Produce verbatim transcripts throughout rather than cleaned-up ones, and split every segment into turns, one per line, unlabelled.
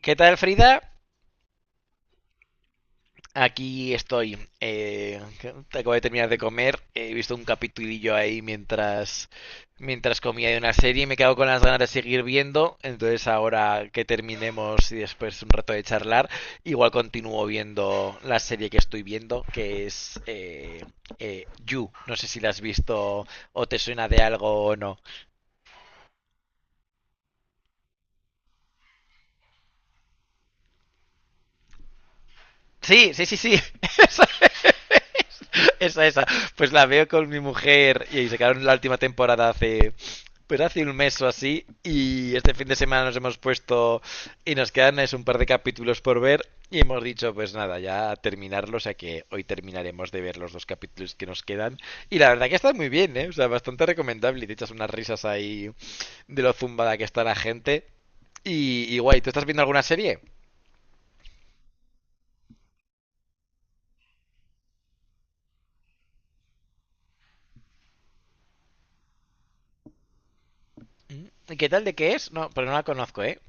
¿Qué tal, Frida? Aquí estoy. Eh, acabo de terminar de comer. He visto un capitulillo ahí mientras, mientras comía de una serie y me quedo con las ganas de seguir viendo. Entonces, ahora que terminemos y después un rato de charlar, igual continúo viendo la serie que estoy viendo, que es eh, eh, You. No sé si la has visto o te suena de algo o no. Sí, sí, sí, sí. Esa, esa, esa. Pues la veo con mi mujer y se quedaron la última temporada hace, pues hace un mes o así. Y este fin de semana nos hemos puesto y nos quedan es un par de capítulos por ver. Y hemos dicho, pues nada, ya terminarlo. O sea que hoy terminaremos de ver los dos capítulos que nos quedan. Y la verdad que está muy bien, ¿eh? O sea, bastante recomendable. Y te echas unas risas ahí de lo zumbada que está la gente. Y, y guay, ¿tú estás viendo alguna serie? ¿Y ¿qué tal, de qué es? No, pero no la conozco, ¿eh?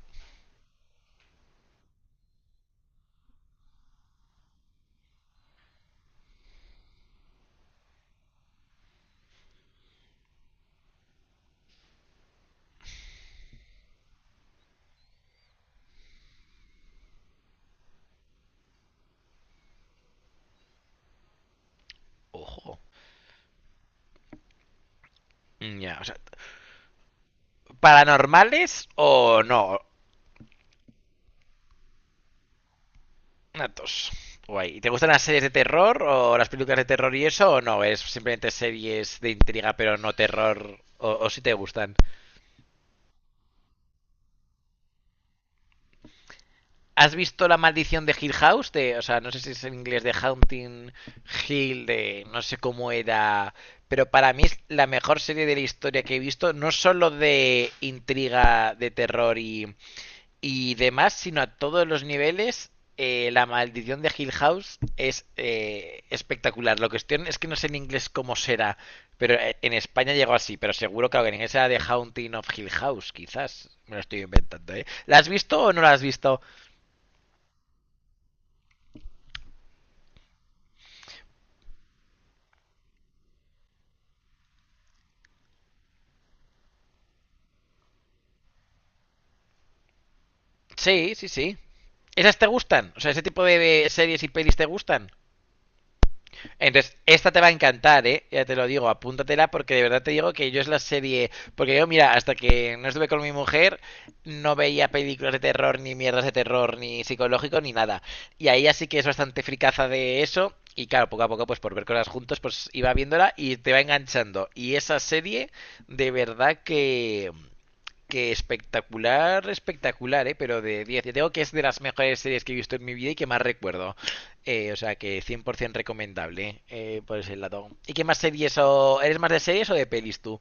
Ojo. Mm, ya, o sea, ¿paranormales o no? Natos. Guay. ¿Te gustan las series de terror o las películas de terror y eso o no? Es simplemente series de intriga pero no terror, o, o si te gustan. ¿Has visto La maldición de Hill House? De, o sea, no sé si es en inglés de Haunting Hill, de no sé cómo era, pero para mí es la mejor serie de la historia que he visto, no solo de intriga, de terror y y demás, sino a todos los niveles. Eh, la maldición de Hill House es eh, espectacular. La cuestión es que no sé en inglés cómo será, pero eh, en España llegó así, pero seguro que en inglés era The Haunting of Hill House, quizás. Me lo estoy inventando, ¿eh? ¿La has visto o no la has visto? Sí, sí, sí. ¿Esas te gustan? O sea, ¿ese tipo de series y pelis te gustan? Entonces, esta te va a encantar, ¿eh? Ya te lo digo, apúntatela porque de verdad te digo que yo es la serie... Porque yo, mira, hasta que no estuve con mi mujer, no veía películas de terror, ni mierdas de terror, ni psicológico, ni nada. Y ahí así que es bastante fricaza de eso. Y claro, poco a poco, pues por ver cosas juntos, pues iba viéndola y te va enganchando. Y esa serie, de verdad que que espectacular, espectacular, ¿eh? Pero de diez. Yo digo que es de las mejores series que he visto en mi vida y que más recuerdo. Eh, o sea que cien por ciento recomendable eh, por ese lado. ¿Y qué más series o... ¿Eres más de series o de pelis tú?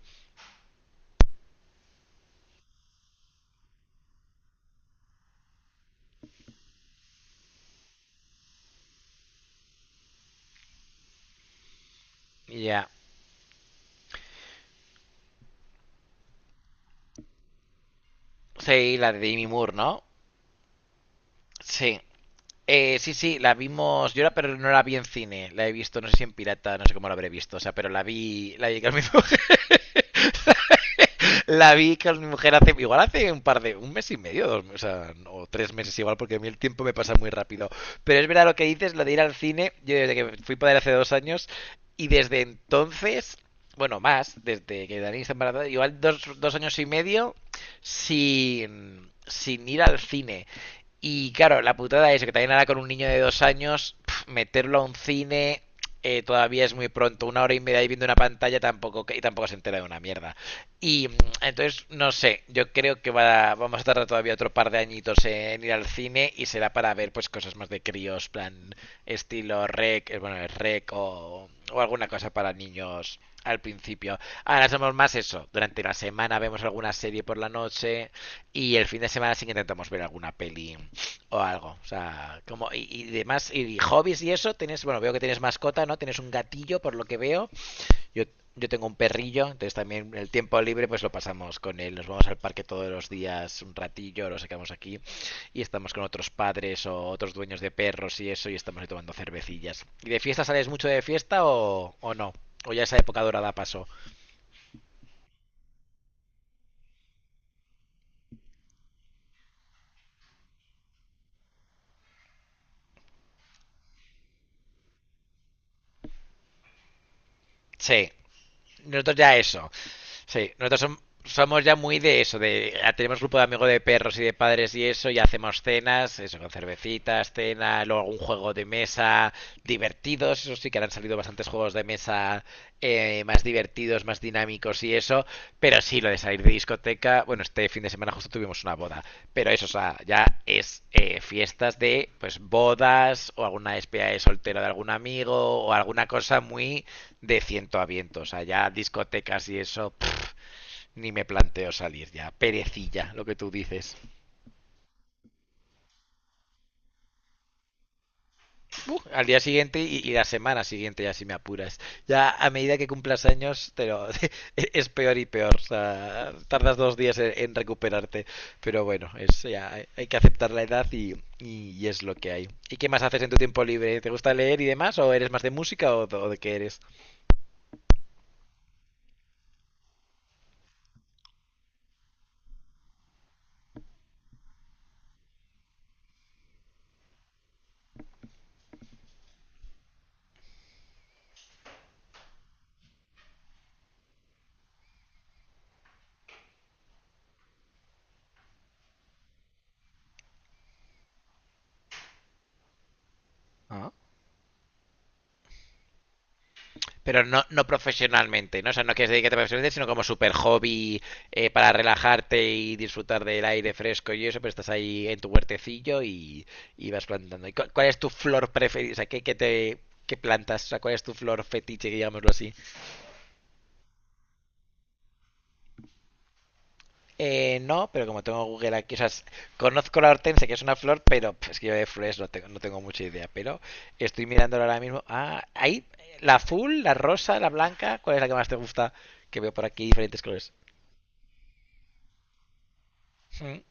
Ya. Sí, la de Demi Moore, ¿no? Sí. Eh, sí, sí, la vimos. Yo la, pero no la vi en cine. La he visto, no sé si en pirata, no sé cómo la habré visto. O sea, pero la vi. La vi que me la vi que mi mujer hace, igual hace un par de, un mes y medio, dos, o, sea, o tres meses igual, porque a mí el tiempo me pasa muy rápido. Pero es verdad lo que dices, lo de ir al cine, yo desde que fui padre hace dos años, y desde entonces, bueno, más, desde que Dani está embarazada, igual dos, dos años y medio sin, sin ir al cine. Y claro, la putada es que también ahora con un niño de dos años, pf, meterlo a un cine eh, todavía es muy pronto. Una hora y media ahí viendo una pantalla tampoco, y tampoco se entera de una mierda. Y mm, entonces, no sé, yo creo que va, a, vamos a tardar todavía otro par de añitos en ir al cine y será para ver pues cosas más de críos, plan estilo rec, eh, bueno, rec o, o alguna cosa para niños al principio. Ahora somos más eso. Durante la semana vemos alguna serie por la noche y el fin de semana sí que intentamos ver alguna peli o algo. O sea, como y, y demás, y hobbies y eso, tienes, bueno, veo que tienes mascota, ¿no? Tienes un gatillo, por lo que veo. Yo, yo tengo un perrillo, entonces también el tiempo libre pues lo pasamos con él. Nos vamos al parque todos los días un ratillo, lo sacamos aquí y estamos con otros padres o otros dueños de perros y eso y estamos ahí tomando cervecillas. ¿Y de fiesta sales mucho de fiesta o, o no? ¿O ya esa época dorada pasó? Sí, nosotros ya eso. Sí, nosotros som- somos ya muy de eso, de ah, tenemos grupo de amigos de perros y de padres y eso, y hacemos cenas, eso, con cervecitas, cena, luego algún juego de mesa divertidos, eso sí que ahora han salido bastantes juegos de mesa eh, más divertidos, más dinámicos y eso, pero sí, lo de salir de discoteca, bueno, este fin de semana justo tuvimos una boda, pero eso, o sea, ya es eh, fiestas de, pues, bodas o alguna despedida de soltero de algún amigo o alguna cosa muy de ciento a viento, o sea, ya discotecas y eso ni me planteo salir ya. Perecilla, lo que tú dices. Uh, al día siguiente y, y, la semana siguiente, ya si me apuras. Ya a medida que cumplas años, te lo, es peor y peor. O sea, tardas dos días en, en, recuperarte. Pero bueno, es, ya, hay que aceptar la edad y, y, y, es lo que hay. ¿Y qué más haces en tu tiempo libre? ¿Te gusta leer y demás? ¿O eres más de música o, o de qué eres? Ah, pero no, no profesionalmente, ¿no? O sea, no quieres dedicarte profesionalmente, sino como super hobby eh, para relajarte y disfrutar del aire fresco y eso, pero estás ahí en tu huertecillo y, y vas plantando. ¿Y cu- cuál es tu flor preferida? O sea, ¿qué, qué te, ¿qué plantas? O sea, ¿cuál es tu flor fetiche, digámoslo así? Eh, no, pero como tengo Google aquí, o sea, s- conozco la hortensia, que es una flor, pero pf, es que yo de flores no tengo, no tengo mucha idea, pero estoy mirándolo ahora mismo. Ah, ahí, la azul, la rosa, la blanca, ¿cuál es la que más te gusta? Que veo por aquí diferentes colores. Mm.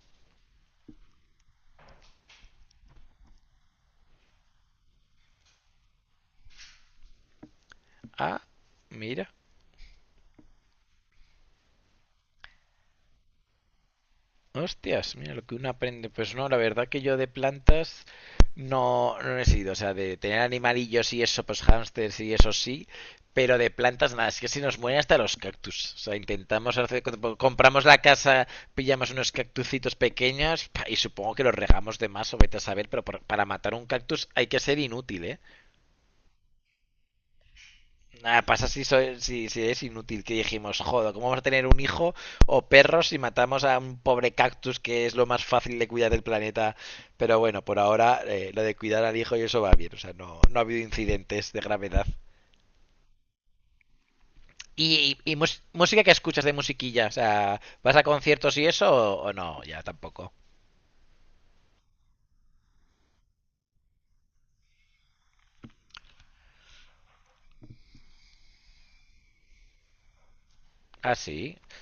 Ah, mira. Hostias, mira lo que uno aprende. Pues no, la verdad que yo de plantas no, no he sido. O sea, de tener animalillos y eso, pues hámsters y eso sí. Pero de plantas nada, es que se nos mueren hasta los cactus. O sea, intentamos hacer, cuando compramos la casa, pillamos unos cactucitos pequeños pa, y supongo que los regamos de más o vete a saber, pero por- para matar un cactus hay que ser inútil, ¿eh? Nada, pasa si, soy, si, si es inútil que dijimos, joder, ¿cómo vamos a tener un hijo o perros si matamos a un pobre cactus que es lo más fácil de cuidar del planeta? Pero bueno, por ahora eh, lo de cuidar al hijo y eso va bien, o sea, no, no ha habido incidentes de gravedad. ¿Y, y, y mus- música que escuchas de musiquilla? O sea, ¿vas a conciertos y eso o, o no? Ya tampoco. Ah, sí.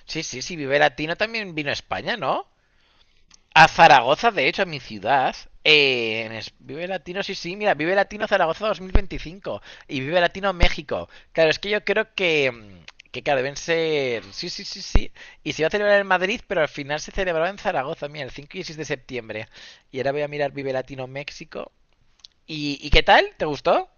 Sí, sí, sí, Vive Latino también vino a España, ¿no? A Zaragoza, de hecho, a mi ciudad. eh, en es- Vive Latino, sí, sí, mira, Vive Latino Zaragoza dos mil veinticinco y Vive Latino México. Claro, es que yo creo que, mm, que claro, deben ser. Sí, sí, sí, sí. Y se iba a celebrar en Madrid, pero al final se celebraba en Zaragoza, mira, el cinco y seis de septiembre. Y ahora voy a mirar Vive Latino México. ¿Y, y qué tal? ¿Te gustó?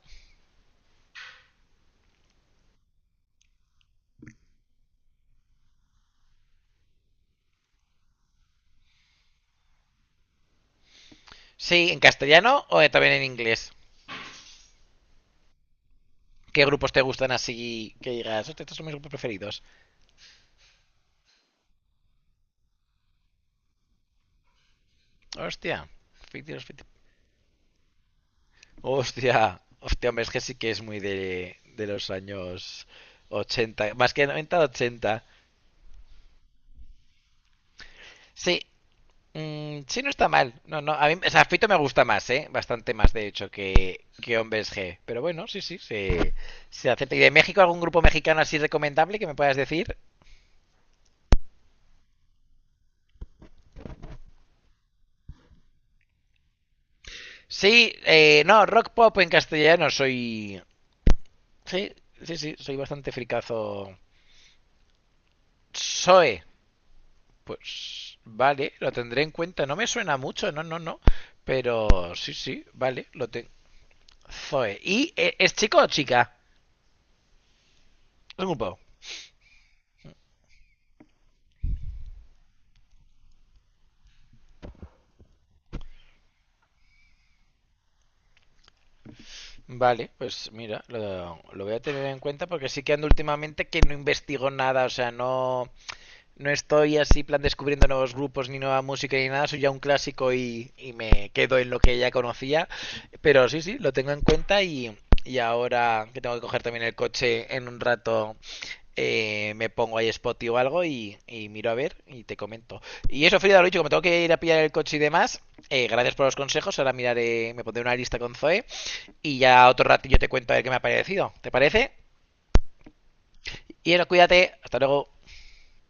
Sí, en castellano o eh, también en inglés. ¿Qué grupos te gustan así que digas, hostia, estos son mis grupos preferidos? Hostia, cincuenta cincuenta, hostia, hostia, hombre, es que sí que es muy de, de los años ochenta, más que noventa ochenta. Sí, mm, sí, no está mal. No, no, a mí, o sea, Fito me gusta más, ¿eh? Bastante más, de hecho, que, que Hombres G. Pero bueno, sí, sí, se, se acepta. ¿Y de México algún grupo mexicano así recomendable que me puedas decir? Sí, eh, no, rock pop en castellano soy... Sí, sí, sí, soy bastante fricazo. Soe, pues vale, lo tendré en cuenta. No me suena mucho, no, no, no. Pero sí, sí, vale, lo tengo. Zoe. ¿Y eh, es chico o chica? Es un pavo. Vale, pues mira, lo, lo voy a tener en cuenta porque sí que ando últimamente que no investigo nada, o sea, no, no estoy así plan descubriendo nuevos grupos ni nueva música ni nada, soy ya un clásico y, y me quedo en lo que ya conocía, pero sí, sí, lo tengo en cuenta y, y ahora que tengo que coger también el coche en un rato eh, me pongo ahí Spotify o algo y, y miro a ver y te comento. Y eso, Frida, lo dicho, como tengo que ir a pillar el coche y demás, eh, gracias por los consejos. Ahora miraré, me pondré una lista con Zoe y ya otro ratillo te cuento a ver qué me ha parecido. ¿Te parece? Y eso, cuídate, hasta luego.